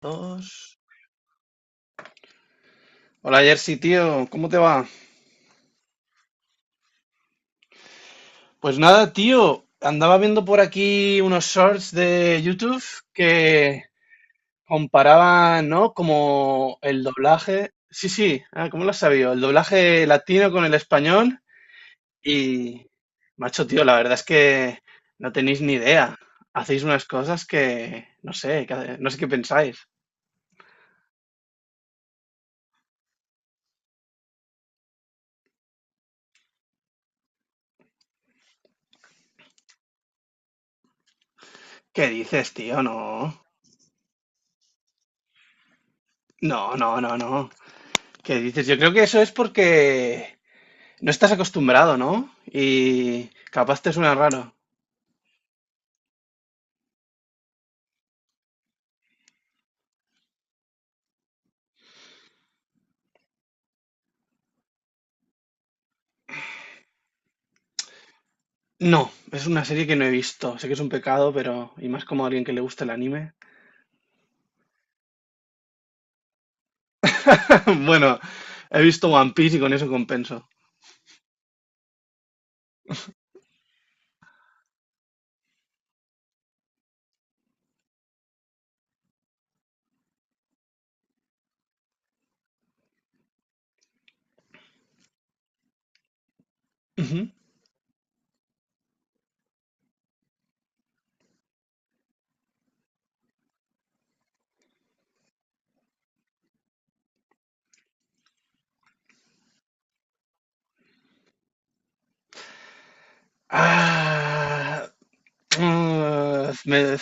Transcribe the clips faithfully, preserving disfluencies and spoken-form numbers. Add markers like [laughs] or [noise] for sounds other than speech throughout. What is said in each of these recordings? Dos. Hola Jersey, tío, ¿cómo te va? Pues nada, tío, andaba viendo por aquí unos shorts de YouTube que comparaban, ¿no? Como el doblaje. Sí, sí, ah, ¿cómo lo has sabido? El doblaje latino con el español. Y, macho, tío, la verdad es que no tenéis ni idea. Hacéis unas cosas que, no sé, que- no sé qué pensáis. ¿Qué dices, tío? No, no, no, no, no. ¿Qué dices? Yo creo que eso es porque no estás acostumbrado, ¿no? Y capaz te suena raro. No, es una serie que no he visto. Sé que es un pecado, pero... Y más como a alguien que le gusta el anime. [laughs] Bueno, he visto One Piece y con eso compenso. Ujú. Ah, mm, me-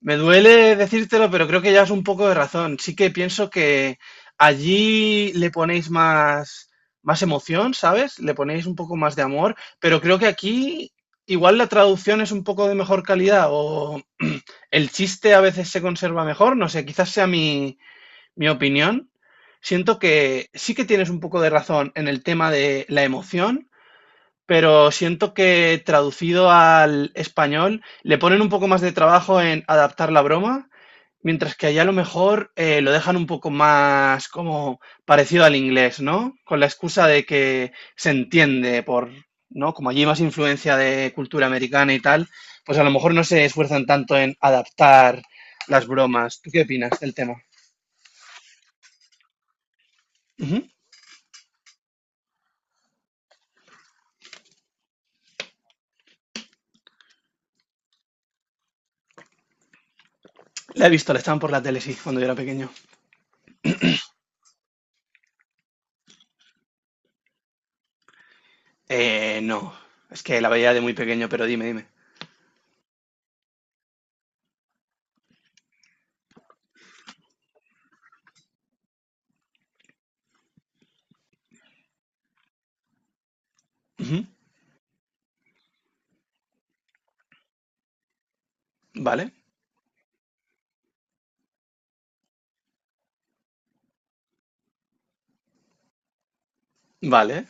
me duele decírtelo, pero creo que llevas un poco de razón. Sí que pienso que allí le ponéis más, más emoción, ¿sabes? Le ponéis un poco más de amor, pero creo que aquí igual la traducción es un poco de mejor calidad o [clears throat] el chiste a veces se conserva mejor, no sé, quizás sea mi, mi opinión. Siento que sí que tienes un poco de razón en el tema de la emoción, pero siento que traducido al español le ponen un poco más de trabajo en adaptar la broma. Mientras que allá a lo mejor eh, lo dejan un poco más como parecido al inglés, ¿no? Con la excusa de que se entiende por, ¿no? Como allí hay más influencia de cultura americana y tal, pues a lo mejor no se esfuerzan tanto en adaptar las bromas. ¿Tú qué opinas del tema? Ujú. La he visto, la estaban por la tele, sí, cuando yo era pequeño. Eh, no, es que la veía de muy pequeño, pero dime, dime. Ujú. Vale, vale,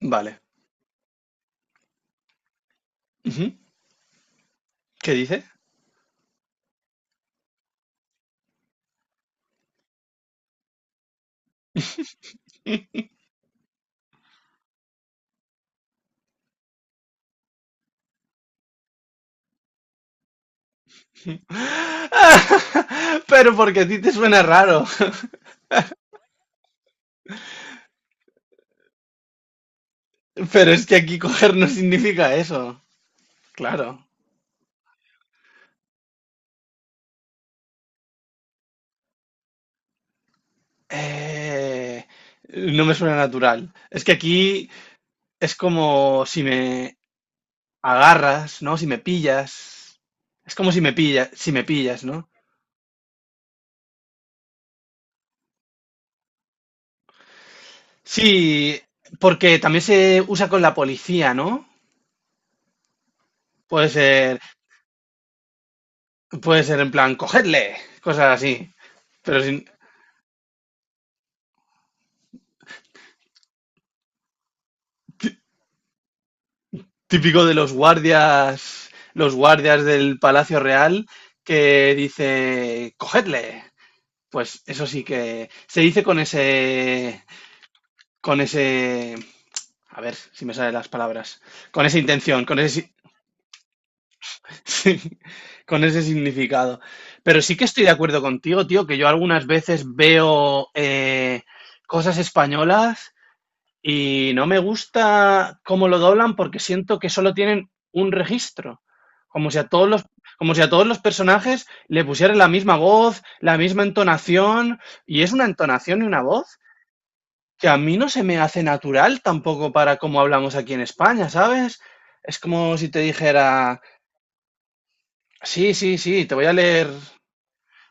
vale. Ujú. ¿Qué dice? [laughs] Pero porque a ti te suena raro. Pero es que aquí coger no significa eso. Claro. Eh, no me suena natural. Es que aquí es como si me agarras, ¿no? Si me pillas. Es como si me pillas, si me pillas, ¿no? Sí, porque también se usa con la policía, ¿no? Puede ser, puede ser en plan, cogedle, cosas así. Pero si- típico de los guardias, los guardias del Palacio Real que dice, cogedle. Pues eso sí que se dice con ese, con ese, a ver si me salen las palabras, con esa intención, con ese, si- [laughs] con ese significado. Pero sí que estoy de acuerdo contigo, tío, que yo algunas veces veo eh, cosas españolas y no me gusta cómo lo doblan porque siento que solo tienen un registro. Como si a todos los, como si a todos los personajes le pusieran la misma voz, la misma entonación. Y es una entonación y una voz que a mí no se me hace natural tampoco para cómo hablamos aquí en España, ¿sabes? Es como si te dijera, sí, sí, sí, te voy a leer.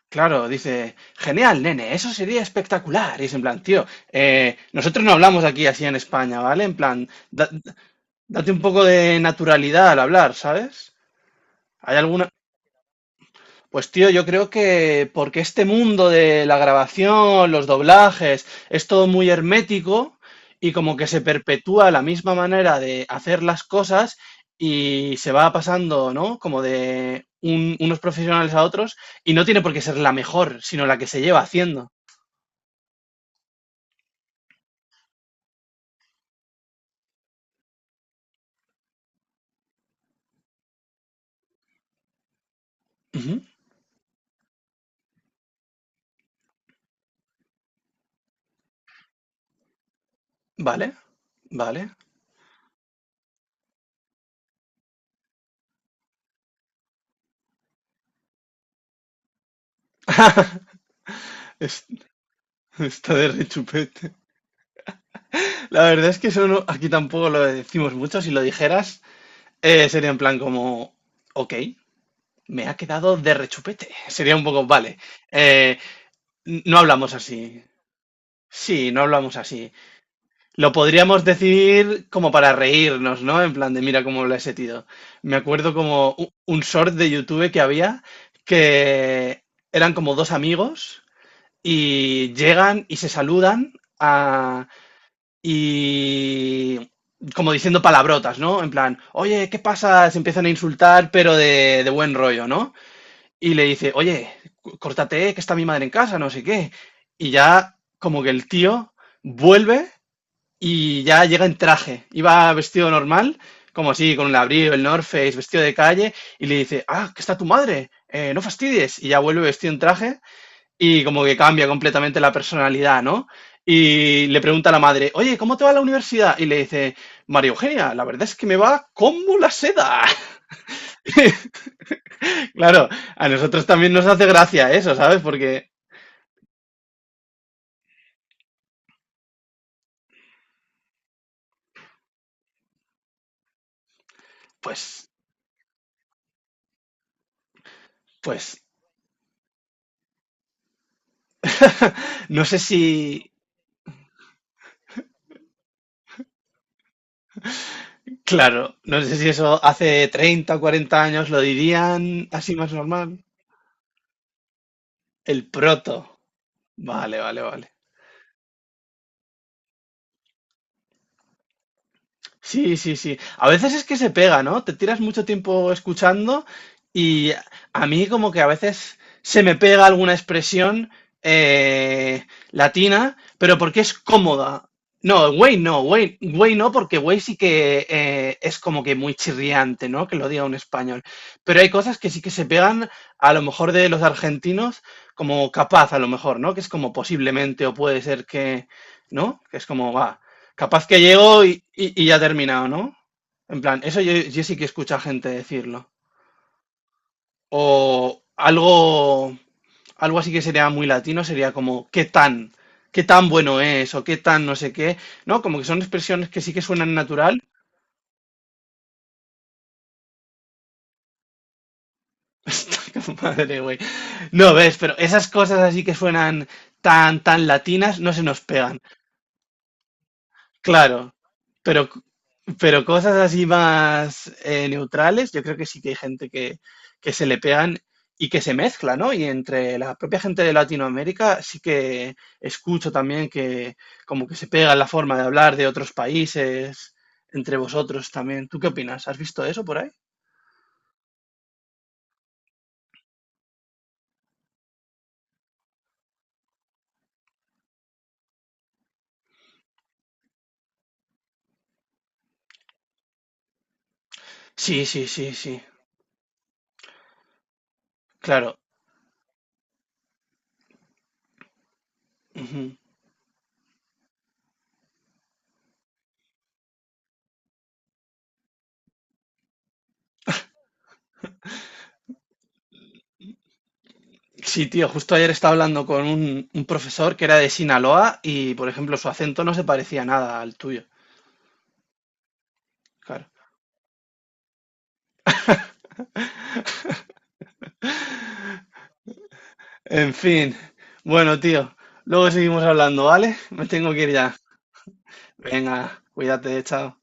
Claro, dice, genial, nene, eso sería espectacular. Y es en plan, tío, eh, nosotros no hablamos aquí así en España, ¿vale? En plan, da- date un poco de naturalidad al hablar, ¿sabes? Hay alguna. Pues tío, yo creo que porque este mundo de la grabación, los doblajes, es todo muy hermético y como que se perpetúa la misma manera de hacer las cosas y se va pasando, ¿no? Como de un- unos profesionales a otros y no tiene por qué ser la mejor, sino la que se lleva haciendo. Ujú, vale, vale. [laughs] Es- Está de rechupete. La verdad es que eso no- aquí tampoco lo decimos mucho. Si lo dijeras, eh, sería en plan como, ok, me ha quedado de rechupete. [laughs] Sería un poco, vale. eh, n- no hablamos así. Sí, no hablamos así. Lo podríamos decir como para reírnos, ¿no? En plan de, mira cómo lo he sentido. Me acuerdo como u- un short de YouTube que había que eran como dos amigos y llegan y se saludan y como diciendo palabrotas, ¿no? En plan, oye, ¿qué pasa? Se empiezan a insultar, pero de, de buen rollo, ¿no? Y le dice, oye, cu- córtate, que está mi madre en casa, no sé qué. Y ya como que el tío vuelve y ya llega en traje. Iba vestido normal, como así, con un abrigo, el North Face, vestido de calle, y le dice, ah, que está tu madre, eh, no fastidies. Y ya vuelve vestido en traje y como que cambia completamente la personalidad, ¿no? Y le pregunta a la madre, oye, ¿cómo te va la universidad? Y le dice, María Eugenia, la verdad es que me va como la seda. [laughs] Claro, a nosotros también nos hace gracia eso, ¿sabes? Porque, pues, pues, [laughs] no sé si, claro, no sé si eso hace treinta, o cuarenta años lo dirían así más normal. El proto. Vale, vale, vale. Sí, sí, sí. A veces es que se pega, ¿no? Te tiras mucho tiempo escuchando y a mí como que a veces se me pega alguna expresión eh, latina, pero porque es cómoda. No, güey no, güey, güey no, porque güey sí que eh, es como que muy chirriante, ¿no? Que lo diga un español. Pero hay cosas que sí que se pegan a lo mejor de los argentinos como capaz, a lo mejor, ¿no? Que es como posiblemente o puede ser que, ¿no? Que es como va. Capaz que llego y, y- y ya ha terminado, ¿no? En plan, eso yo, yo sí que escucho a gente decirlo. O algo, algo así que sería muy latino, sería como, ¿qué tan? ¿Qué tan bueno es? O qué tan no sé qué. ¿No? Como que son expresiones que sí que suenan natural. [laughs] Está como, madre, güey. No ves, pero esas cosas así que suenan tan, tan latinas no se nos pegan. Claro. Pero Pero cosas así más eh, neutrales, yo creo que sí que hay gente que, que se le pegan y que se mezcla, ¿no? Y entre la propia gente de Latinoamérica sí que escucho también que como que se pega la forma de hablar de otros países entre vosotros también. ¿Tú qué opinas? ¿Has visto eso por ahí? Sí, sí, sí, sí, claro. Ujú. Sí, tío, justo ayer estaba hablando con un, un profesor que era de Sinaloa y, por ejemplo, su acento no se parecía nada al tuyo. Claro. En fin, bueno, tío, luego seguimos hablando, ¿vale? Me tengo que ir ya. Venga, cuídate, chao.